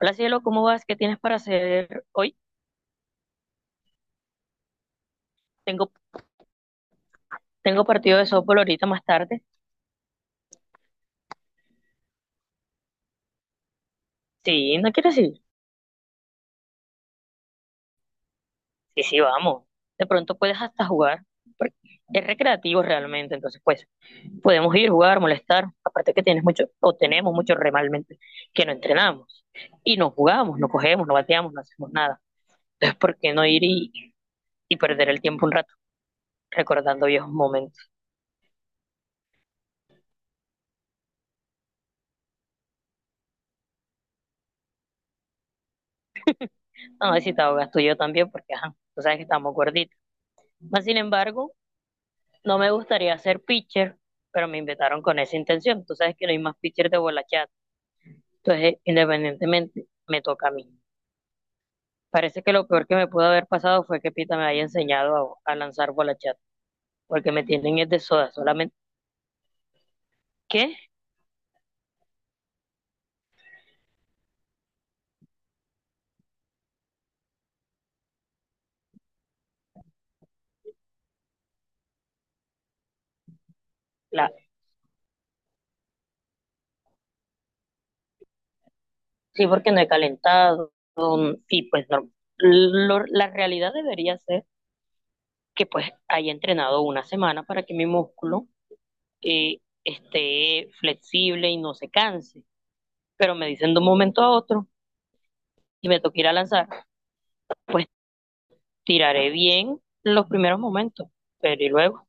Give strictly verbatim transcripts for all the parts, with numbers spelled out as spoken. Hola, cielo, ¿cómo vas? ¿Qué tienes para hacer hoy? Tengo, tengo partido de softball ahorita más tarde. Sí, ¿no quieres ir? Sí, sí, vamos. De pronto puedes hasta jugar, porque es recreativo realmente, entonces pues podemos ir, jugar, molestar. Aparte que tienes mucho, o tenemos mucho realmente, que no entrenamos. Y no jugamos, no cogemos, no bateamos, no hacemos nada. Entonces, ¿por qué no ir y, y perder el tiempo un rato recordando viejos momentos? No, si te ahogas tú y yo también, porque ajá, tú sabes que estamos gorditos. Más sin embargo, no me gustaría ser pitcher, pero me invitaron con esa intención. Tú sabes que no hay más pitcher de bola chat. Entonces, independientemente, me toca a mí. Parece que lo peor que me pudo haber pasado fue que Pita me haya enseñado a, a lanzar bola chat, porque me tienen es de soda solamente. que La, sí, porque no he calentado. mm, Y pues no, lo- la realidad debería ser que pues haya entrenado una semana para que mi músculo eh, esté flexible y no se canse. Pero me dicen de un momento a otro y me toca ir a lanzar, pues tiraré bien los primeros momentos, pero y luego.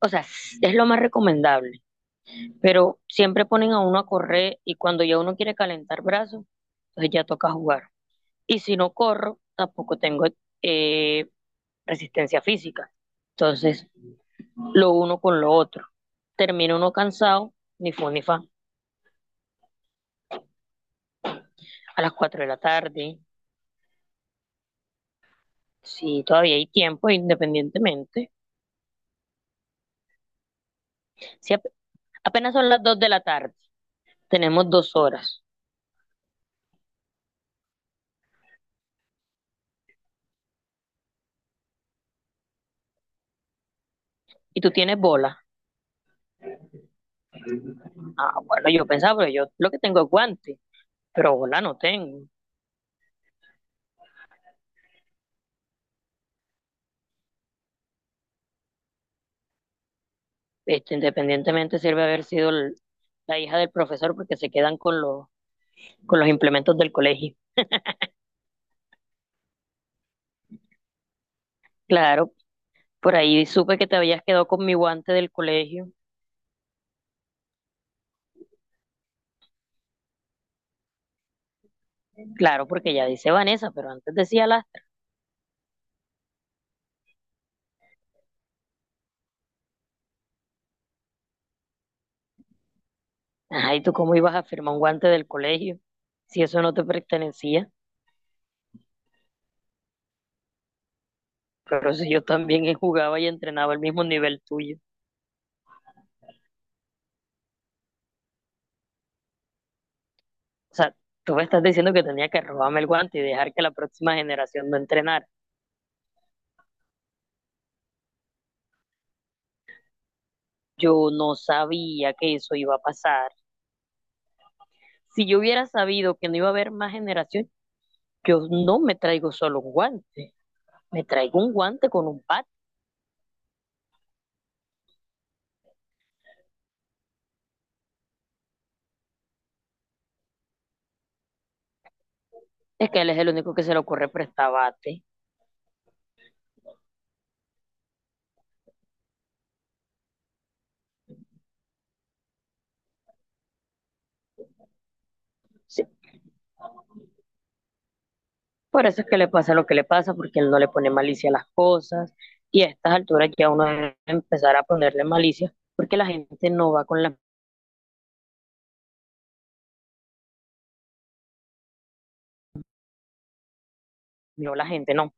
O sea, es lo más recomendable, pero siempre ponen a uno a correr y cuando ya uno quiere calentar brazos, entonces ya toca jugar. Y si no corro, tampoco tengo eh, resistencia física. Entonces, lo uno con lo otro. Termina uno cansado, ni fu ni fa, a las cuatro de la tarde, si todavía hay tiempo, independientemente. Si ap- Apenas son las dos de la tarde, tenemos dos horas y tú tienes bola. Ah, bueno, yo pensaba, pero yo lo que tengo es guante, pero bola no tengo. Este, independientemente sirve haber sido el- la hija del profesor porque se quedan con los, con los implementos del colegio. Claro, por ahí supe que te habías quedado con mi guante del colegio. Claro, porque ya dice Vanessa, pero antes decía la... Ajá, ¿y tú cómo ibas a firmar un guante del colegio si eso no te pertenecía? Pero si yo también jugaba y entrenaba al mismo nivel tuyo. O sea, tú me estás diciendo que tenía que robarme el guante y dejar que la próxima generación no entrenara. Yo no sabía que eso iba a pasar. Si yo hubiera sabido que no iba a haber más generación, yo no me traigo solo un guante, me traigo un guante con un bate. Es que él es el único que se le ocurre prestar bate. Sí, por eso es que le pasa lo que le pasa, porque él no le pone malicia a las cosas. Y a estas alturas ya uno debe empezar a ponerle malicia, porque la gente no va con la... No, la gente no.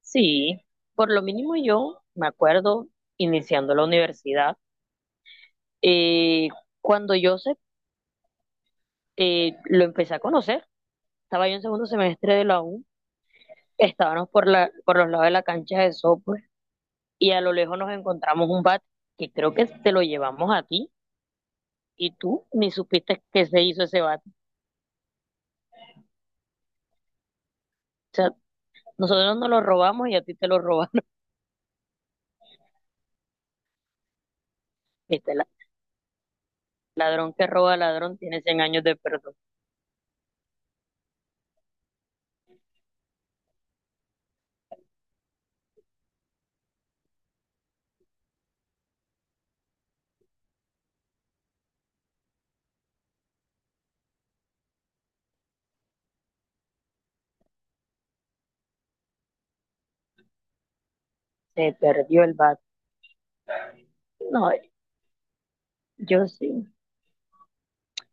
Sí, por lo mínimo yo me acuerdo iniciando la universidad, eh, cuando yo sé eh, lo empecé a conocer. Estaba yo en segundo semestre de la U, estábamos por, la, por los lados de la cancha de software y a lo lejos nos encontramos un bat que creo que te lo llevamos a ti y tú ni supiste que se hizo ese bat. O sea, nosotros nos lo robamos y a ti te lo robaron. Este la- Ladrón que roba ladrón tiene cien años de perdón. Se perdió el bat. No, yo sí.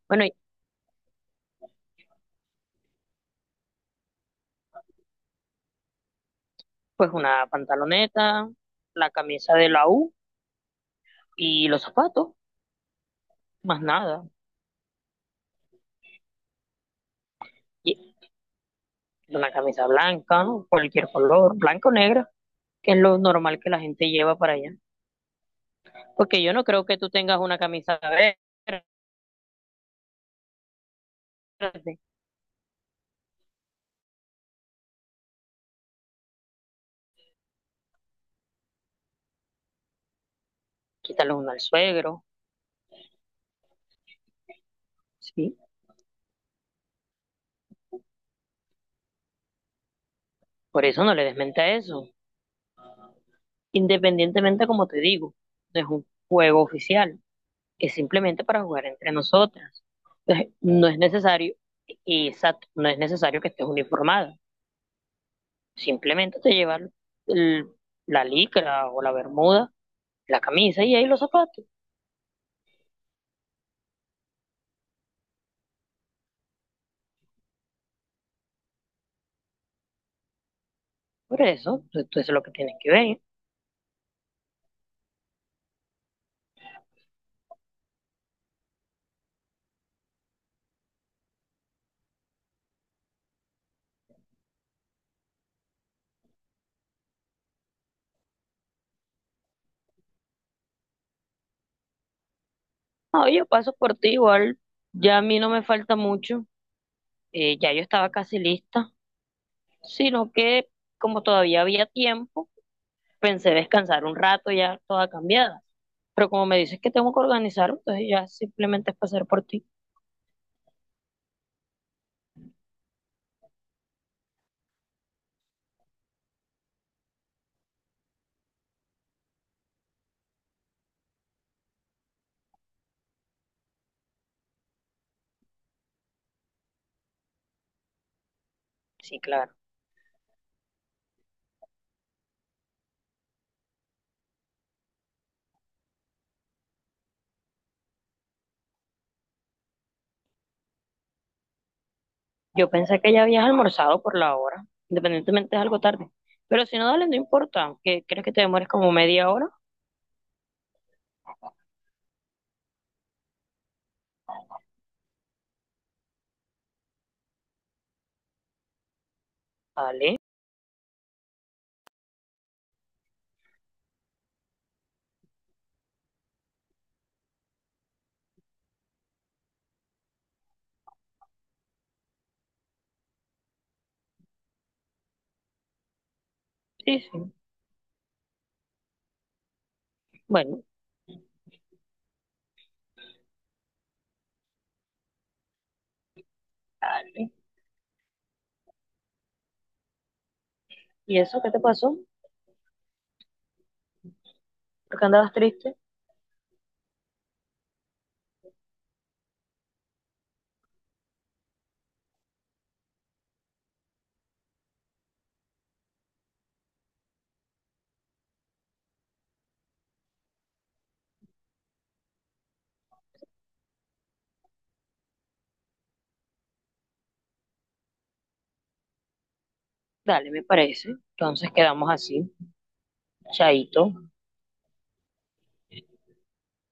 Bueno, y pues una pantaloneta, la camisa de la U y los zapatos, más nada. Una camisa blanca, cualquier color, blanco o negra, que es lo normal que la gente lleva para allá. Porque yo no creo que tú tengas una camisa verde, quítale una al suegro, ¿sí? Por eso no le desmente a eso. Independientemente, como te digo, no es un juego oficial, es simplemente para jugar entre nosotras. Entonces, no es necesario, exacto, no es necesario que estés uniformada. Simplemente te llevas el- la licra o la bermuda, la camisa y ahí los zapatos. Por eso, pues, tú eso es lo que tienes que ver. No, yo paso por ti igual, ya a mí no me falta mucho, eh, ya yo estaba casi lista, sino que como todavía había tiempo, pensé descansar un rato ya toda cambiada. Pero como me dices que tengo que organizar, entonces ya simplemente es pasar por ti. Sí, claro. Yo pensé que ya habías almorzado por la hora, independientemente es algo tarde. Pero si no, dale, no importa. ¿Qué, crees que te demores como media hora? Dale. Sí, sí. Bueno, dale. ¿Y eso qué te pasó? ¿Por qué andabas triste? Dale, me parece. Entonces quedamos así. Chaito.